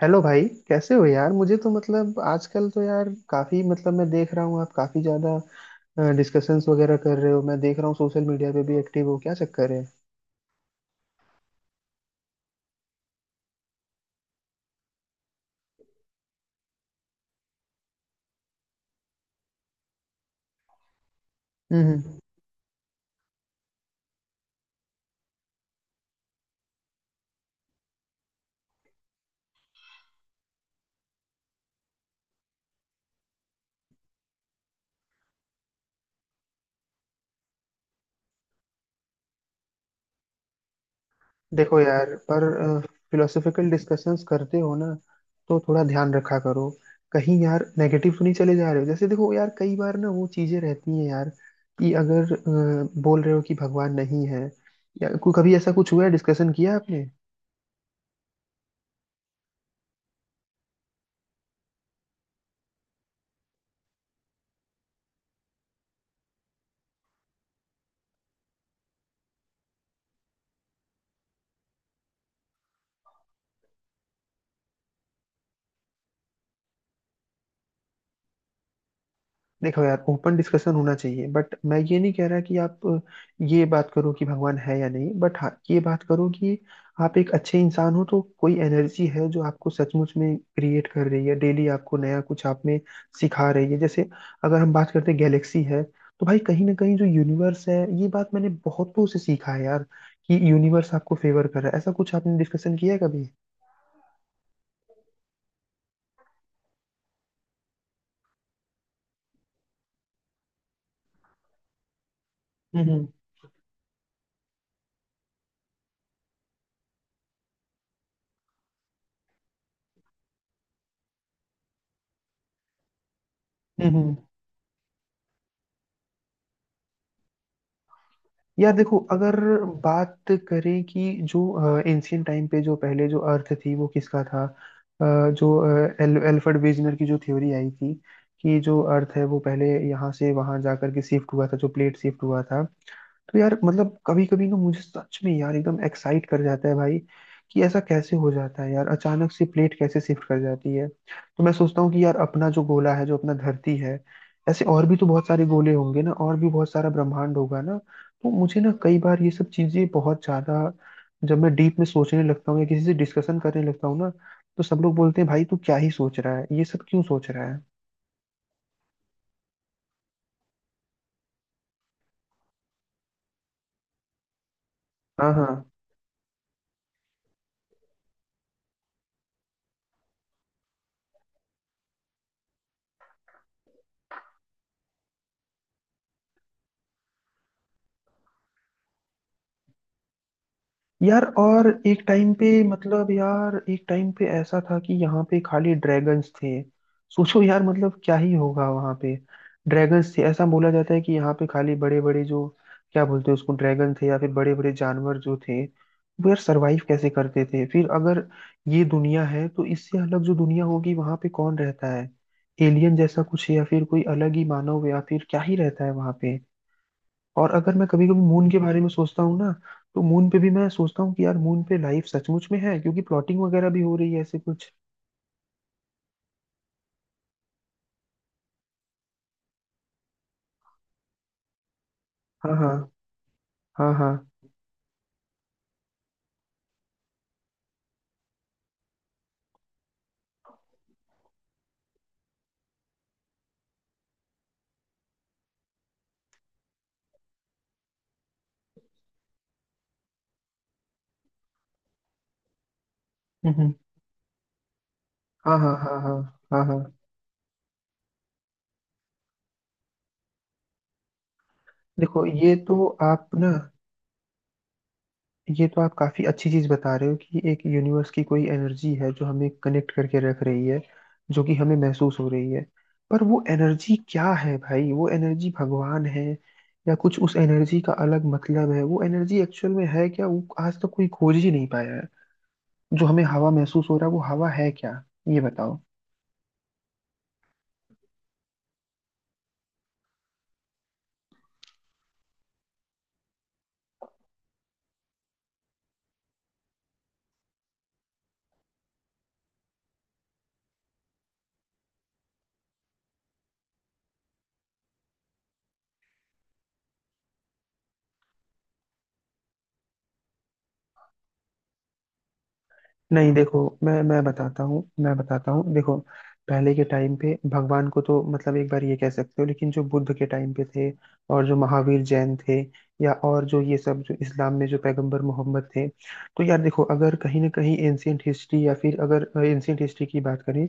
Hello भाई। कैसे हो यार? मुझे तो मतलब आजकल तो यार काफी मतलब मैं देख रहा हूँ आप काफी ज्यादा डिस्कशंस वगैरह कर रहे हो। मैं देख रहा हूँ सोशल मीडिया पे भी एक्टिव हो, क्या चक्कर है? हम्म हम्म। देखो यार पर फिलोसफिकल डिस्कशंस करते हो ना तो थोड़ा ध्यान रखा करो। कहीं यार नेगेटिव तो नहीं चले जा रहे हो? जैसे देखो यार कई बार ना वो चीजें रहती हैं यार कि अगर बोल रहे हो कि भगवान नहीं है। कभी ऐसा कुछ हुआ है, डिस्कशन किया आपने? देखो यार ओपन डिस्कशन होना चाहिए बट मैं ये नहीं कह रहा कि आप ये बात करो कि भगवान है या नहीं। बट हाँ ये बात करो कि आप एक अच्छे इंसान हो तो कोई एनर्जी है जो आपको सचमुच में क्रिएट कर रही है, डेली आपको नया कुछ आप में सिखा रही है। जैसे अगर हम बात करते हैं गैलेक्सी है तो भाई कहीं ना कहीं जो यूनिवर्स है, ये बात मैंने बहुतों से सीखा है यार कि यूनिवर्स आपको फेवर कर रहा है। ऐसा कुछ आपने डिस्कशन किया है कभी? हम्म हम्म हम्म। यार देखो अगर बात करें कि जो एंशियंट टाइम पे जो पहले जो अर्थ थी वो किसका था, जो एल्फ्रेड वेजनर की जो थ्योरी आई थी कि जो अर्थ है वो पहले यहाँ से वहाँ जा करके शिफ्ट हुआ था, जो प्लेट शिफ्ट हुआ था। तो यार मतलब कभी कभी ना मुझे सच में यार एकदम एक्साइट कर जाता है भाई कि ऐसा कैसे हो जाता है यार, अचानक से प्लेट कैसे शिफ्ट कर जाती है। तो मैं सोचता हूँ कि यार अपना जो गोला है, जो अपना धरती है, ऐसे और भी तो बहुत सारे गोले होंगे ना, और भी बहुत सारा ब्रह्मांड होगा ना। तो मुझे ना कई बार ये सब चीजें बहुत ज्यादा, जब मैं डीप में सोचने लगता हूँ या किसी से डिस्कशन करने लगता हूँ ना, तो सब लोग बोलते हैं भाई तू क्या ही सोच रहा है, ये सब क्यों सोच रहा है। हाँ हाँ। यार और एक टाइम पे मतलब यार एक टाइम पे ऐसा था कि यहाँ पे खाली ड्रैगन्स थे। सोचो यार मतलब क्या ही होगा वहाँ पे। ड्रैगन्स थे, ऐसा बोला जाता है कि यहाँ पे खाली बड़े बड़े जो क्या बोलते हैं उसको, ड्रैगन थे, या फिर बड़े बड़े जानवर जो थे वो यार सरवाइव कैसे करते थे? फिर अगर ये दुनिया है तो इससे अलग जो दुनिया होगी वहाँ पे कौन रहता है? एलियन जैसा कुछ है या फिर कोई अलग ही मानव या फिर क्या ही रहता है वहाँ पे? और अगर मैं कभी कभी मून के बारे में सोचता हूँ ना, तो मून पे भी मैं सोचता हूँ कि यार मून पे लाइफ सचमुच में है, क्योंकि प्लॉटिंग वगैरह भी हो रही है ऐसे कुछ। हाँ हाँ हाँ हाँ। हम्म। हाँ हाँ हाँ हाँ हाँ हाँ। देखो ये तो आप ना, ये तो आप काफी अच्छी चीज बता रहे हो कि एक यूनिवर्स की कोई एनर्जी है जो हमें कनेक्ट करके रख रही है, जो कि हमें महसूस हो रही है। पर वो एनर्जी क्या है भाई? वो एनर्जी भगवान है या कुछ उस एनर्जी का अलग मतलब है? वो एनर्जी एक्चुअल में है क्या, वो आज तक कोई खोज ही नहीं पाया है। जो हमें हवा महसूस हो रहा है, वो हवा है क्या, ये बताओ। नहीं देखो, मैं बताता हूँ मैं बताता हूँ, देखो पहले के टाइम पे भगवान को तो मतलब एक बार ये कह सकते हो, लेकिन जो बुद्ध के टाइम पे थे, और जो महावीर जैन थे, या और जो ये सब जो इस्लाम में जो पैगंबर मोहम्मद थे, तो यार देखो अगर कहीं ना कहीं एंशियंट हिस्ट्री या फिर अगर एंशियंट हिस्ट्री की बात करें,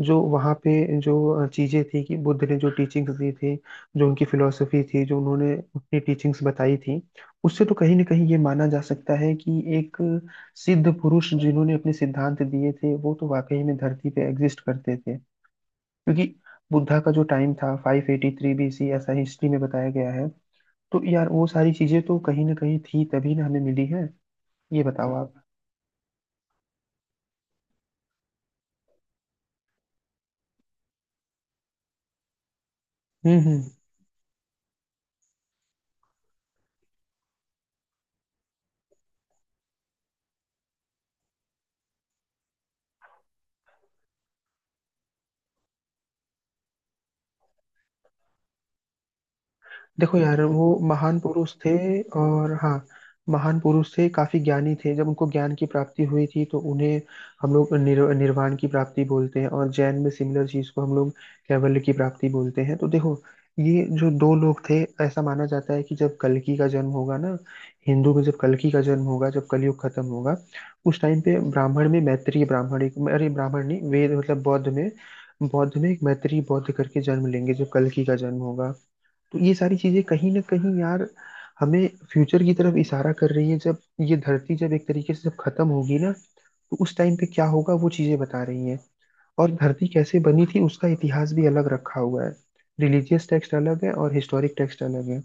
जो वहाँ पे जो चीज़ें थी कि बुद्ध ने जो टीचिंग्स दी थी, जो उनकी फिलोसफी थी, जो उन्होंने अपनी टीचिंग्स बताई थी, उससे तो कहीं ना कहीं ये माना जा सकता है कि एक सिद्ध पुरुष जिन्होंने अपने सिद्धांत दिए थे वो तो वाकई में धरती पे एग्जिस्ट करते थे। क्योंकि बुद्धा का जो टाइम था 583 BC, ऐसा हिस्ट्री में बताया गया है। तो यार वो सारी चीजें तो कहीं ना कहीं थी तभी ना हमें मिली है, ये बताओ आप। हम्म। देखो यार वो महान पुरुष थे, और हाँ महान पुरुष थे, काफी ज्ञानी थे। जब उनको ज्ञान की प्राप्ति हुई थी तो उन्हें हम लोग निर्वाण की प्राप्ति बोलते हैं, और जैन में सिमिलर चीज को हम लोग कैवल्य की प्राप्ति बोलते हैं। तो देखो ये जो दो लोग थे, ऐसा माना जाता है कि जब कल्कि का जन्म होगा ना, हिंदू में जब कल्कि का जन्म होगा, जब कलयुग खत्म होगा, उस टाइम पे ब्राह्मण में मैत्रेय ब्राह्मण एक अरे ब्राह्मण नहीं वेद मतलब बौद्ध में, बौद्ध में एक मैत्रेय बौद्ध करके जन्म लेंगे जब कल्कि का जन्म होगा। तो ये सारी चीजें कहीं ना कहीं यार हमें फ्यूचर की तरफ इशारा कर रही है, जब ये धरती जब एक तरीके से जब खत्म होगी ना तो उस टाइम पे क्या होगा वो चीजें बता रही हैं। और धरती कैसे बनी थी उसका इतिहास भी अलग रखा हुआ है, रिलीजियस टेक्स्ट अलग है और हिस्टोरिक टेक्स्ट अलग है।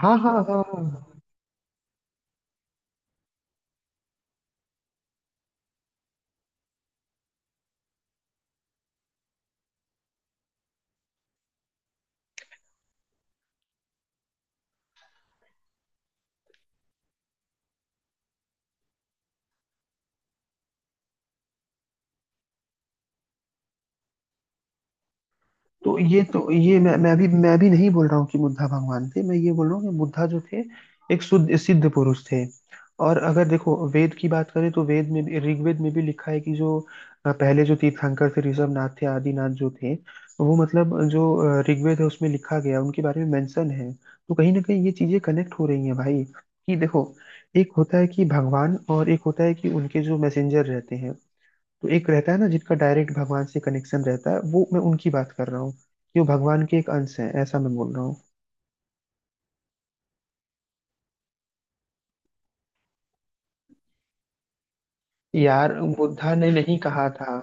हाँ हाँ हाँ हाँ। तो ये मैं अभी नहीं बोल रहा हूँ कि बुद्धा भगवान थे, मैं ये बोल रहा हूँ कि बुद्धा जो थे एक शुद्ध सिद्ध पुरुष थे। और अगर देखो वेद की बात करें तो वेद में भी ऋग्वेद में भी लिखा है कि जो पहले जो तीर्थंकर थे, ऋषभनाथ थे, आदिनाथ जो थे, वो मतलब जो ऋग्वेद है उसमें लिखा गया है, उनके बारे में मेंशन है। तो कहीं ना कहीं ये चीजें कनेक्ट हो रही हैं भाई, कि देखो एक होता है कि भगवान और एक होता है कि उनके जो मैसेंजर रहते हैं। तो एक रहता है ना जिनका डायरेक्ट भगवान से कनेक्शन रहता है, वो मैं उनकी बात कर रहा हूँ कि वो भगवान के एक अंश है, ऐसा मैं बोल रहा हूँ। यार बुद्धा ने नहीं कहा था।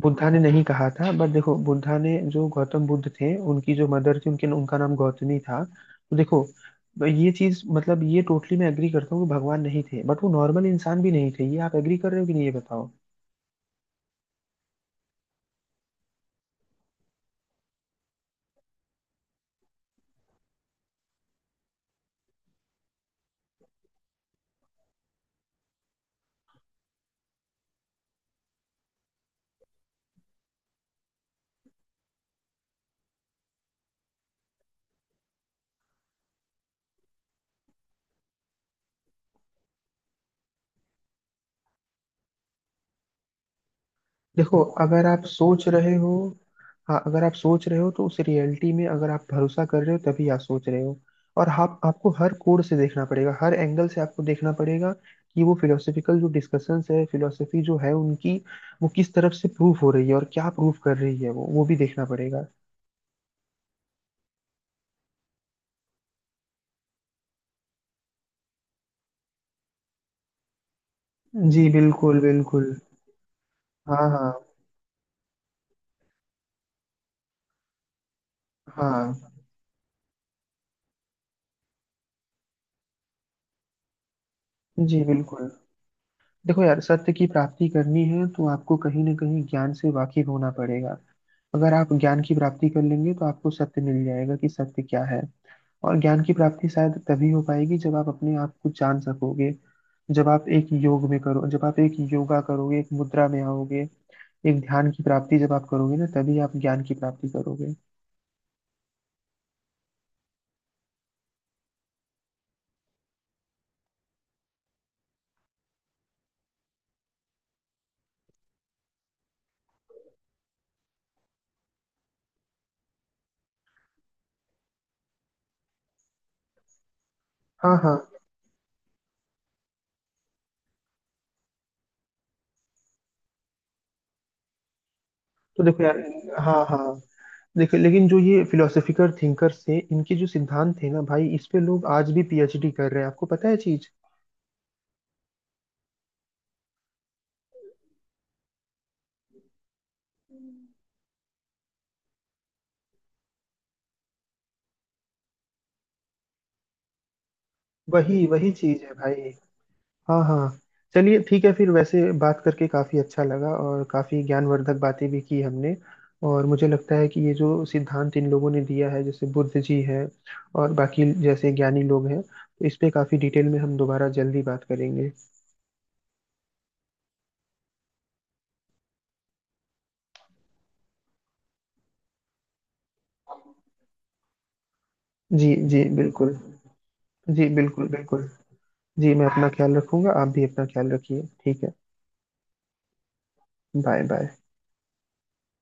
बुद्धा ने नहीं कहा था बट देखो बुद्धा ने जो गौतम बुद्ध थे उनकी जो मदर थी उनके उनका नाम गौतमी था। तो देखो ये चीज मतलब ये टोटली मैं एग्री करता हूँ कि भगवान नहीं थे, बट वो नॉर्मल इंसान भी नहीं थे, ये आप एग्री कर रहे हो कि नहीं ये बताओ। देखो अगर आप सोच रहे हो, हाँ अगर आप सोच रहे हो तो उस रियलिटी में अगर आप भरोसा कर रहे हो तभी आप सोच रहे हो। और आप आपको हर कोण से देखना पड़ेगा, हर एंगल से आपको देखना पड़ेगा कि वो फिलोसफिकल जो डिस्कशंस है, फिलोसफी जो है उनकी, वो किस तरफ से प्रूफ हो रही है और क्या प्रूफ कर रही है, वो भी देखना पड़ेगा। जी बिल्कुल बिल्कुल। हाँ हाँ हाँ। जी बिल्कुल। देखो यार सत्य की प्राप्ति करनी है तो आपको कहीं ना कहीं ज्ञान से वाकिफ होना पड़ेगा। अगर आप ज्ञान की प्राप्ति कर लेंगे तो आपको सत्य मिल जाएगा कि सत्य क्या है। और ज्ञान की प्राप्ति शायद तभी हो पाएगी जब आप अपने आप को जान सकोगे, जब आप एक योग में करो, जब आप एक योगा करोगे, एक मुद्रा में आओगे, एक ध्यान की प्राप्ति जब आप करोगे ना, तभी आप ज्ञान की प्राप्ति करोगे। हाँ हाँ। तो देखो यार, हाँ हाँ, देखो लेकिन जो ये फिलोसफिकल थिंकर्स थे, इनके जो सिद्धांत थे ना भाई, इस पे लोग आज भी पीएचडी कर रहे हैं, आपको पता है चीज। वही वही चीज है भाई। हाँ हाँ। चलिए ठीक है फिर, वैसे बात करके काफ़ी अच्छा लगा और काफ़ी ज्ञानवर्धक बातें भी की हमने। और मुझे लगता है कि ये जो सिद्धांत इन लोगों ने दिया है, जैसे बुद्ध जी हैं और बाकी जैसे ज्ञानी लोग हैं, तो इस पे काफ़ी डिटेल में हम दोबारा जल्दी बात करेंगे। जी जी बिल्कुल। जी बिल्कुल बिल्कुल। जी मैं अपना ख्याल रखूंगा, आप भी अपना ख्याल रखिए, ठीक है। Bye bye.